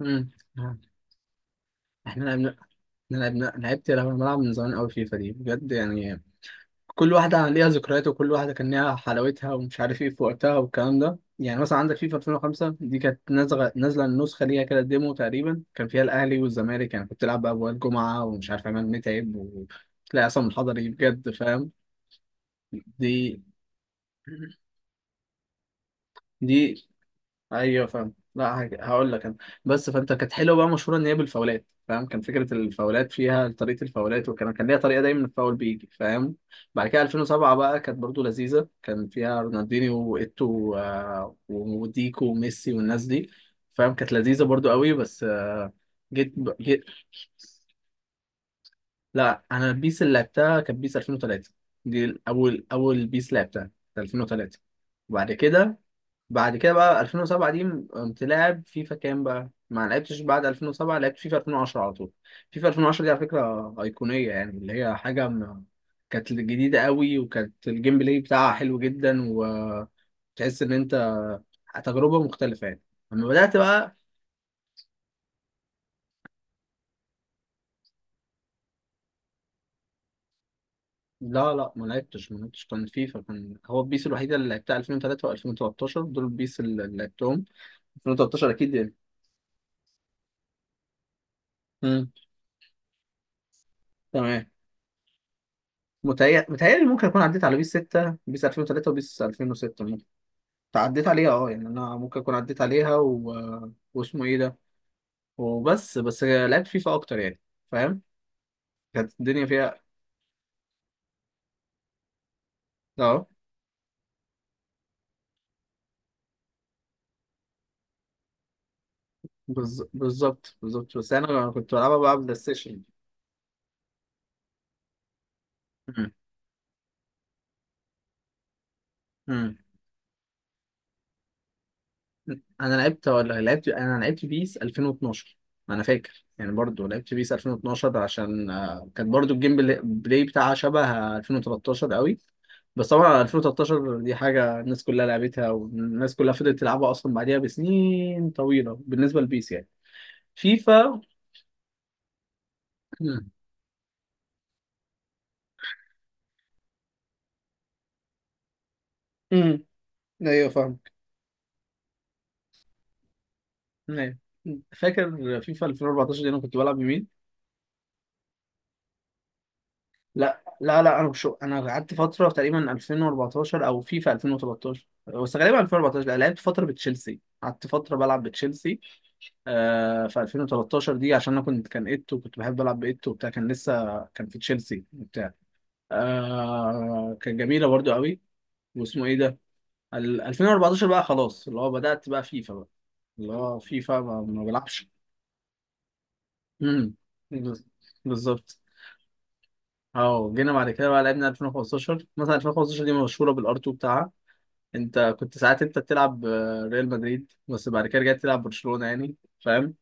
مم. احنا لعبنا احنا لعبنا لعبت لما بلعب من زمان قوي فيفا دي بجد يعني. كل واحدة ليها ذكريات وكل واحدة كان ليها حلاوتها ومش عارف ايه في وقتها والكلام ده، يعني مثلا عندك فيفا 2005، دي كانت نازلة النسخة، ليها كده ديمو تقريبا كان فيها الأهلي والزمالك. يعني كنت تلعب بقى وائل جمعة ومش عارف عماد متعب وتلاقي عصام الحضري، بجد فاهم. دي دي ايوه فاهم. لا، هقول لك انا، بس فانت كانت حلوه بقى، مشهوره ان هي بالفاولات، فاهم، كان فكره الفاولات فيها، طريقه الفاولات، وكان ليها طريقه، دايما الفاول بيجي فاهم. بعد كده 2007 بقى كانت برضو لذيذه، كان فيها رونالدينيو وايتو وديكو وميسي والناس دي. فاهم، كانت لذيذه برضو قوي، بس جيت. لا، انا البيس اللي لعبتها كانت بيس 2003. دي اول بيس لعبتها، كانت 2003. وبعد كده، بعد كده بقى 2007 دي، قمت لاعب فيفا كام بقى؟ ما لعبتش بعد 2007، لعبت فيفا 2010 على طول. فيفا 2010 دي على فكرة أيقونية يعني، اللي هي كانت جديدة قوي، وكانت الجيم بلاي بتاعها حلو جدا، وتحس إن أنت تجربة مختلفة يعني لما بدأت بقى. لا، ما لعبتش كان فيفا، كان هو البيس الوحيدة اللي لعبتها 2003 و2013، دول البيس اللي لعبتهم. 2013 أكيد يعني. مم. تمام. متهيألي ممكن أكون عديت على بيس 6، بيس 2003، وبيس 2006 ممكن. عديت عليها، أه يعني، أنا ممكن أكون عديت عليها، واسمه إيه ده، بس لعبت فيفا أكتر يعني، فاهم، كانت الدنيا فيها. أه. بالظبط، بس أنا كنت بلعبها بقى بلاي ستيشن. مم. مم. أنا لعبت ولا لعبت، أنا لعبت بيس 2012. أنا فاكر يعني، برضو لعبت بيس 2012 عشان كانت برضو الجيم بلاي بتاعها شبه 2013 قوي. بس طبعا 2013 دي حاجة الناس كلها لعبتها، والناس كلها فضلت تلعبها أصلا بعديها بسنين طويلة، بالنسبة لبيس يعني. فيفا. مم. امم ايوه فاهمك. ايوه، فاكر فيفا 2014، دي انا كنت بلعب بمين؟ لا لا لا، انا مش، انا قعدت فتره تقريبا 2014 او فيفا 2013، بس غالبا 2014 لا، لعبت فتره بتشيلسي، قعدت فتره بلعب بتشيلسي. آه، في 2013 دي، عشان انا كنت، كان ايتو كنت بحب العب بايتو وبتاع، كان لسه كان في تشيلسي وبتاع. آه، كانت جميله برضو قوي. واسمه ايه ده، 2014 بقى، خلاص اللي هو بدات بقى فيفا بقى، اللي هو فيفا ما بلعبش. امم بز- بالظبط. اه، جينا بعد كده بقى لعبنا 2015، مثلا 2015 دي مشهوره بالار 2 بتاعها. انت كنت ساعات انت بتلعب ريال مدريد، بس بعد كده رجعت تلعب برشلونه يعني، فاهم.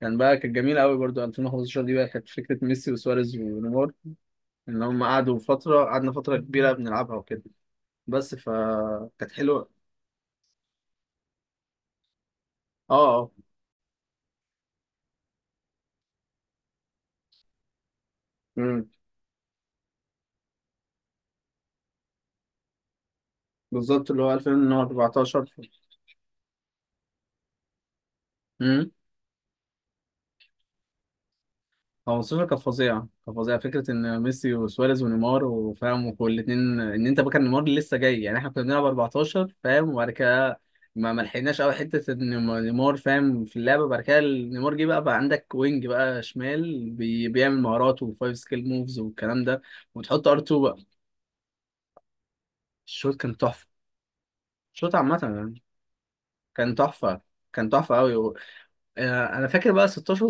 كان بقى كانت جميله قوي برضو 2015 دي، بقى كانت فكره ميسي وسواريز ونيمار، ان هم قعدوا فتره، قعدنا فتره كبيره بنلعبها وكده، بس فكانت حلوه. اه اه. امم بالظبط، اللي هو 2014. امم 15 كانت فظيعه، كانت فظيعه، فكره ان ميسي وسواريز ونيمار، وفاهم، وكل اتنين، ان انت بقى، كان نيمار لسه جاي يعني، احنا كنا بنلعب 14 فاهم، وبعد كده ما لحقناش قوي حته ان نيمار فاهم في اللعبه، بعد كده نيمار جه بقى عندك وينج بقى شمال، بيعمل مهارات وفايف سكيل موفز والكلام ده، وتحط ار 2 بقى. الشوط كان تحفه، الشوط عامه يعني، كان تحفه، كان تحفه قوي. انا فاكر بقى 16،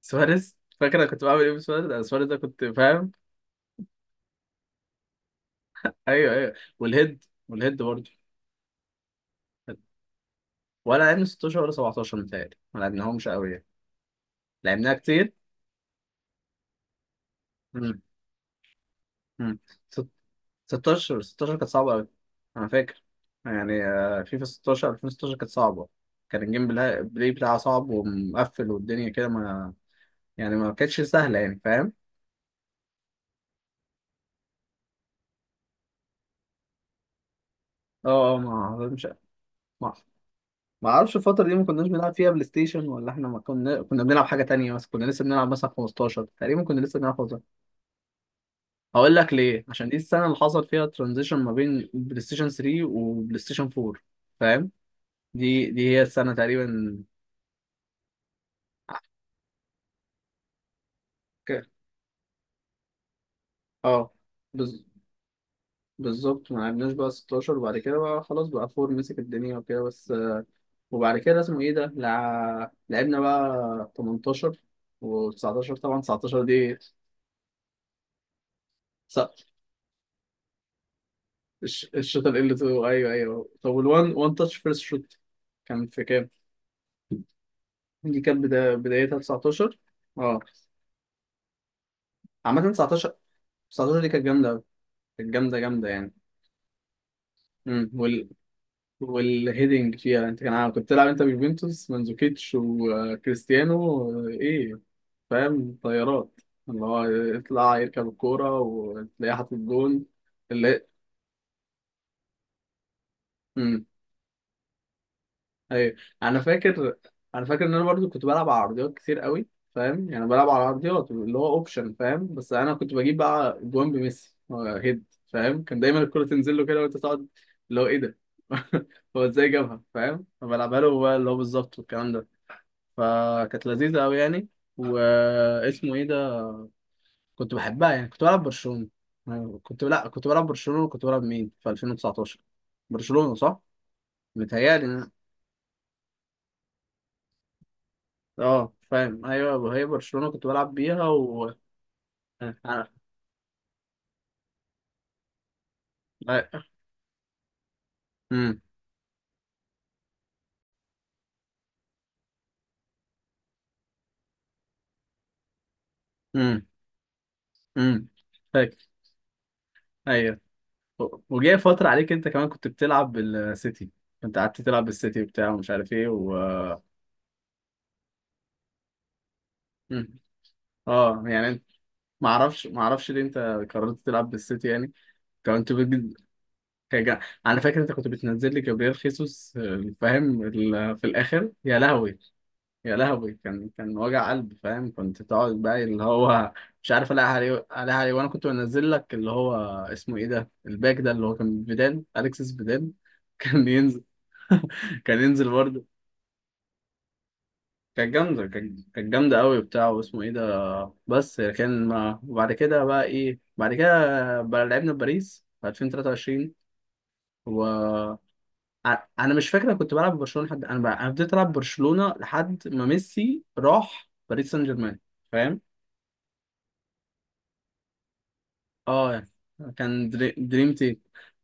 سواريز، فاكر انا كنت بعمل ايه بسواريز؟ أنا سواريز ده كنت فاهم. ايوه ايوه. والهيد، والهيد برضه. ولا لعبنا 16 ولا 17، متهيألي ما لعبناهمش قوي يعني. لعبناها كتير. مم. مم. ست- 16 كانت صعبة قوي. انا فاكر، يعني فيفا 16، 2016 كانت صعبة، كان الجيم بلاي بتاعها صعب ومقفل، والدنيا كده ما، يعني ما كانتش سهلة يعني فاهم. اه اه. ما مش، ما اعرفش الفترة دي ما كناش بنلعب فيها بلاي ستيشن، ولا احنا ما كنا، بنلعب حاجة تانية، بس كنا لسه بنلعب مثلا 15، تقريبا كنا لسه بنلعب 15. هقول لك ليه، عشان دي السنة اللي حصل فيها ترانزيشن ما بين بلاي ستيشن 3 وبلاي ستيشن 4، فاهم. دي هي السنة تقريبا. ك- اه. بز... بالظبط، ما لعبناش بقى 16، وبعد كده بقى خلاص، بقى 4 مسك الدنيا وكده بس. وبعد كده اسمه ايه ده، لعبنا بقى 18 و19. طبعا 19 دي، الشوطة ال L2، أيوه أيوه. طب وال One One Touch First Shot كان في كام؟ دي كانت بدايتها 19. اه، عامة 19 دي كانت جامدة أوي، كانت جامدة يعني. وال، والهيدنج فيها، انت كان عارف كنت تلعب انت بيوفنتوس مانزوكيتش وكريستيانو، ايه، فاهم، طيارات، اللي هو يطلع يركب الكورة وتلاقيه حاطط جون اللي. ايوه. انا فاكر، انا فاكر ان انا برضو كنت بلعب على عرضيات كتير قوي، فاهم، يعني بلعب على عرضيات اللي هو اوبشن، فاهم، بس انا كنت بجيب بقى جوان بميسي، هيد، فاهم، كان دايما الكرة تنزل له كده وانت تقعد، اللي هو ايه ده، هو ازاي جابها فاهم، فبلعبها له بقى اللي هو بالظبط والكلام ده، فكانت لذيذة قوي يعني. واسمه ايه ده، كنت بحبها يعني، كنت بلعب برشلونة. أنا كنت، لا كنت بلعب برشلونة، وكنت بلعب مين في 2019؟ برشلونة صح متهيألي. اه فاهم، ايوه، هي برشلونة كنت بلعب بيها و آه، آه، امم امم امم فاكر. ايوه، وجاي فترة عليك انت كمان كنت بتلعب بالسيتي، كنت قعدت تلعب بالسيتي وبتاع، ومش عارف ايه و. مم. اه يعني، ما اعرفش، ما اعرفش ليه انت قررت تلعب بالسيتي يعني، كنت بجد. انا فاكر انت كنت بتنزل لي جابريل خيسوس، فاهم، في الاخر يا لهوي. يا لهوي، كان كان وجع قلب، فاهم، كنت تقعد بقى اللي هو مش عارف الاقي عليه، وانا كنت بنزل لك اللي هو اسمه ايه ده، الباك ده اللي هو كان فيدال، اليكسس فيدال كان ينزل، كان ينزل برضه. كانت جامدة، كانت كانت جامدة قوي بتاع، واسمه ايه ده، بس كان ما، وبعد كده بقى ايه، بعد كده بقى لعبنا في باريس في 2023، و، انا مش فاكر، أنا كنت بلعب برشلونة حد، انا انا بديت العب برشلونة لحد ما ميسي راح باريس سان جيرمان، فاهم. اه يعني، كان دريم تيم.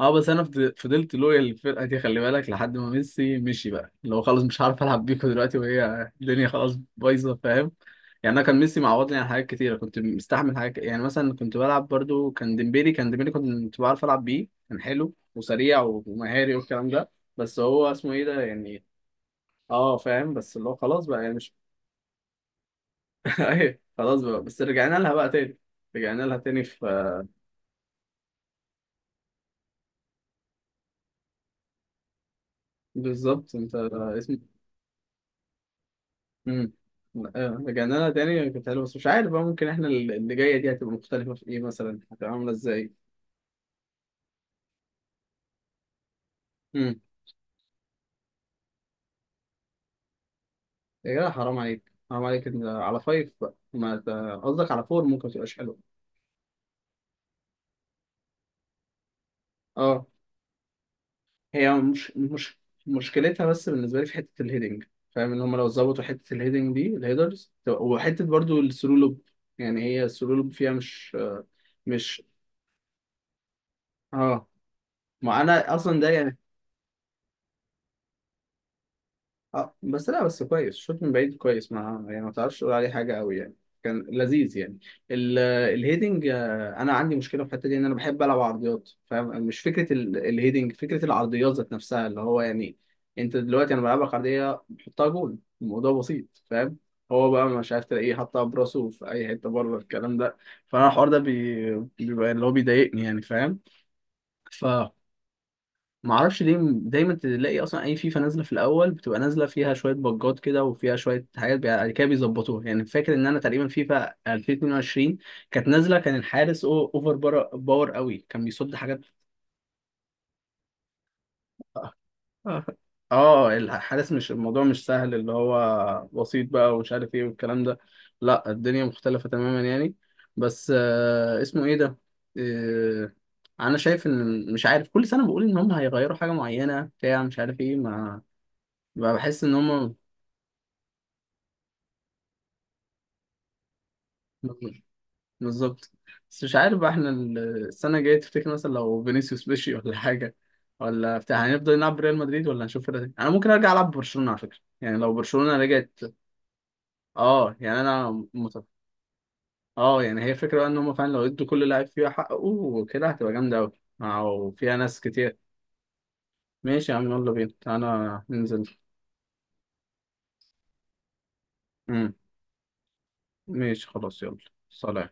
اه، بس انا فضلت لويال للفرقه دي، خلي بالك، لحد ما ميسي مشي بقى اللي هو خلاص، مش عارف العب بيكو دلوقتي، وهي الدنيا خلاص بايظه فاهم. يعني انا كان ميسي معوضني عن حاجات كتيره، كنت مستحمل حاجات، يعني مثلا كنت بلعب برضو، كان ديمبيلي كنت بعرف العب بيه، كان حلو وسريع ومهاري والكلام ده، بس هو اسمه ايه ده يعني. اه فاهم، بس اللي هو خلاص بقى يعني، مش. ايوه، خلاص بقى، بس رجعنا لها بقى تاني، رجعنا لها تاني في. بالظبط انت، اسم. امم رجعنا لها تاني، كانت حلوه، بس مش عارف بقى، ممكن احنا اللي جايه دي هتبقى مختلفه في ايه مثلا، هتبقى عامله ازاي؟ امم يا جدع، حرام عليك، حرام عليك، على فايف بقى، ما ت- قصدك على فور ممكن ما تبقاش حلوه. اه، هي مش مشكلتها بس بالنسبه لي في حته الهيدنج، فاهم، ان هم لو ظبطوا حته الهيدنج دي، الهيدرز، وحته برضو الثرو لوب، يعني هي الثرو لوب فيها مش مش. اه، ما انا اصلا ده. اه، بس لا بس كويس، الشوط من بعيد كويس، ما يعني ما تعرفش تقول عليه حاجه قوي يعني، كان لذيذ يعني. ال- الهيدنج، انا عندي مشكله في الحته دي، ان انا بحب العب عرضيات، فاهم، مش فكره الهيدنج، فكره العرضيات ذات نفسها، اللي هو يعني، انت دلوقتي انا بلعبك عرضيه بحطها جول، الموضوع بسيط فاهم، هو بقى مش عارف تلاقيه حطها براسه في اي حته بره، الكلام ده فانا الحوار ده بيبقى اللي هو بيضايقني يعني. فاهم، ما اعرفش ليه دايما تلاقي اصلا اي فيفا نازله في الاول بتبقى نازله فيها شويه بجات كده، وفيها شويه حاجات بعد كده بيظبطوها يعني. فاكر ان انا تقريبا فيفا 2022 كانت نازله، كان الحارس اوفر باور قوي، كان بيصد حاجات. اه. آه. الحارس مش، الموضوع مش سهل اللي هو بسيط بقى ومش عارف ايه والكلام ده، لا، الدنيا مختلفه تماما يعني. بس آه اسمه ايه ده. آه، انا شايف ان، مش عارف، كل سنه بقول ان هم هيغيروا حاجه معينه بتاع، مش عارف ايه، ما، بقى بحس ان هما. بالظبط. بس مش عارف بقى، احنا السنه الجايه تفتكر مثلا لو فينيسيوس مشي ولا حاجه ولا بتاع، هنفضل نلعب ريال مدريد ولا هنشوف فرقه تانية؟ انا ممكن ارجع العب برشلونه على فكره يعني، لو برشلونه رجعت. اه يعني، انا اه يعني، هي فكره بقى ان هم فعلا لو ادوا كل لاعب فيها حقه وكده هتبقى جامده قوي، او فيها ناس كتير. ماشي يا عم، يلا بينا انا ننزل. امم ماشي خلاص، يلا. سلام.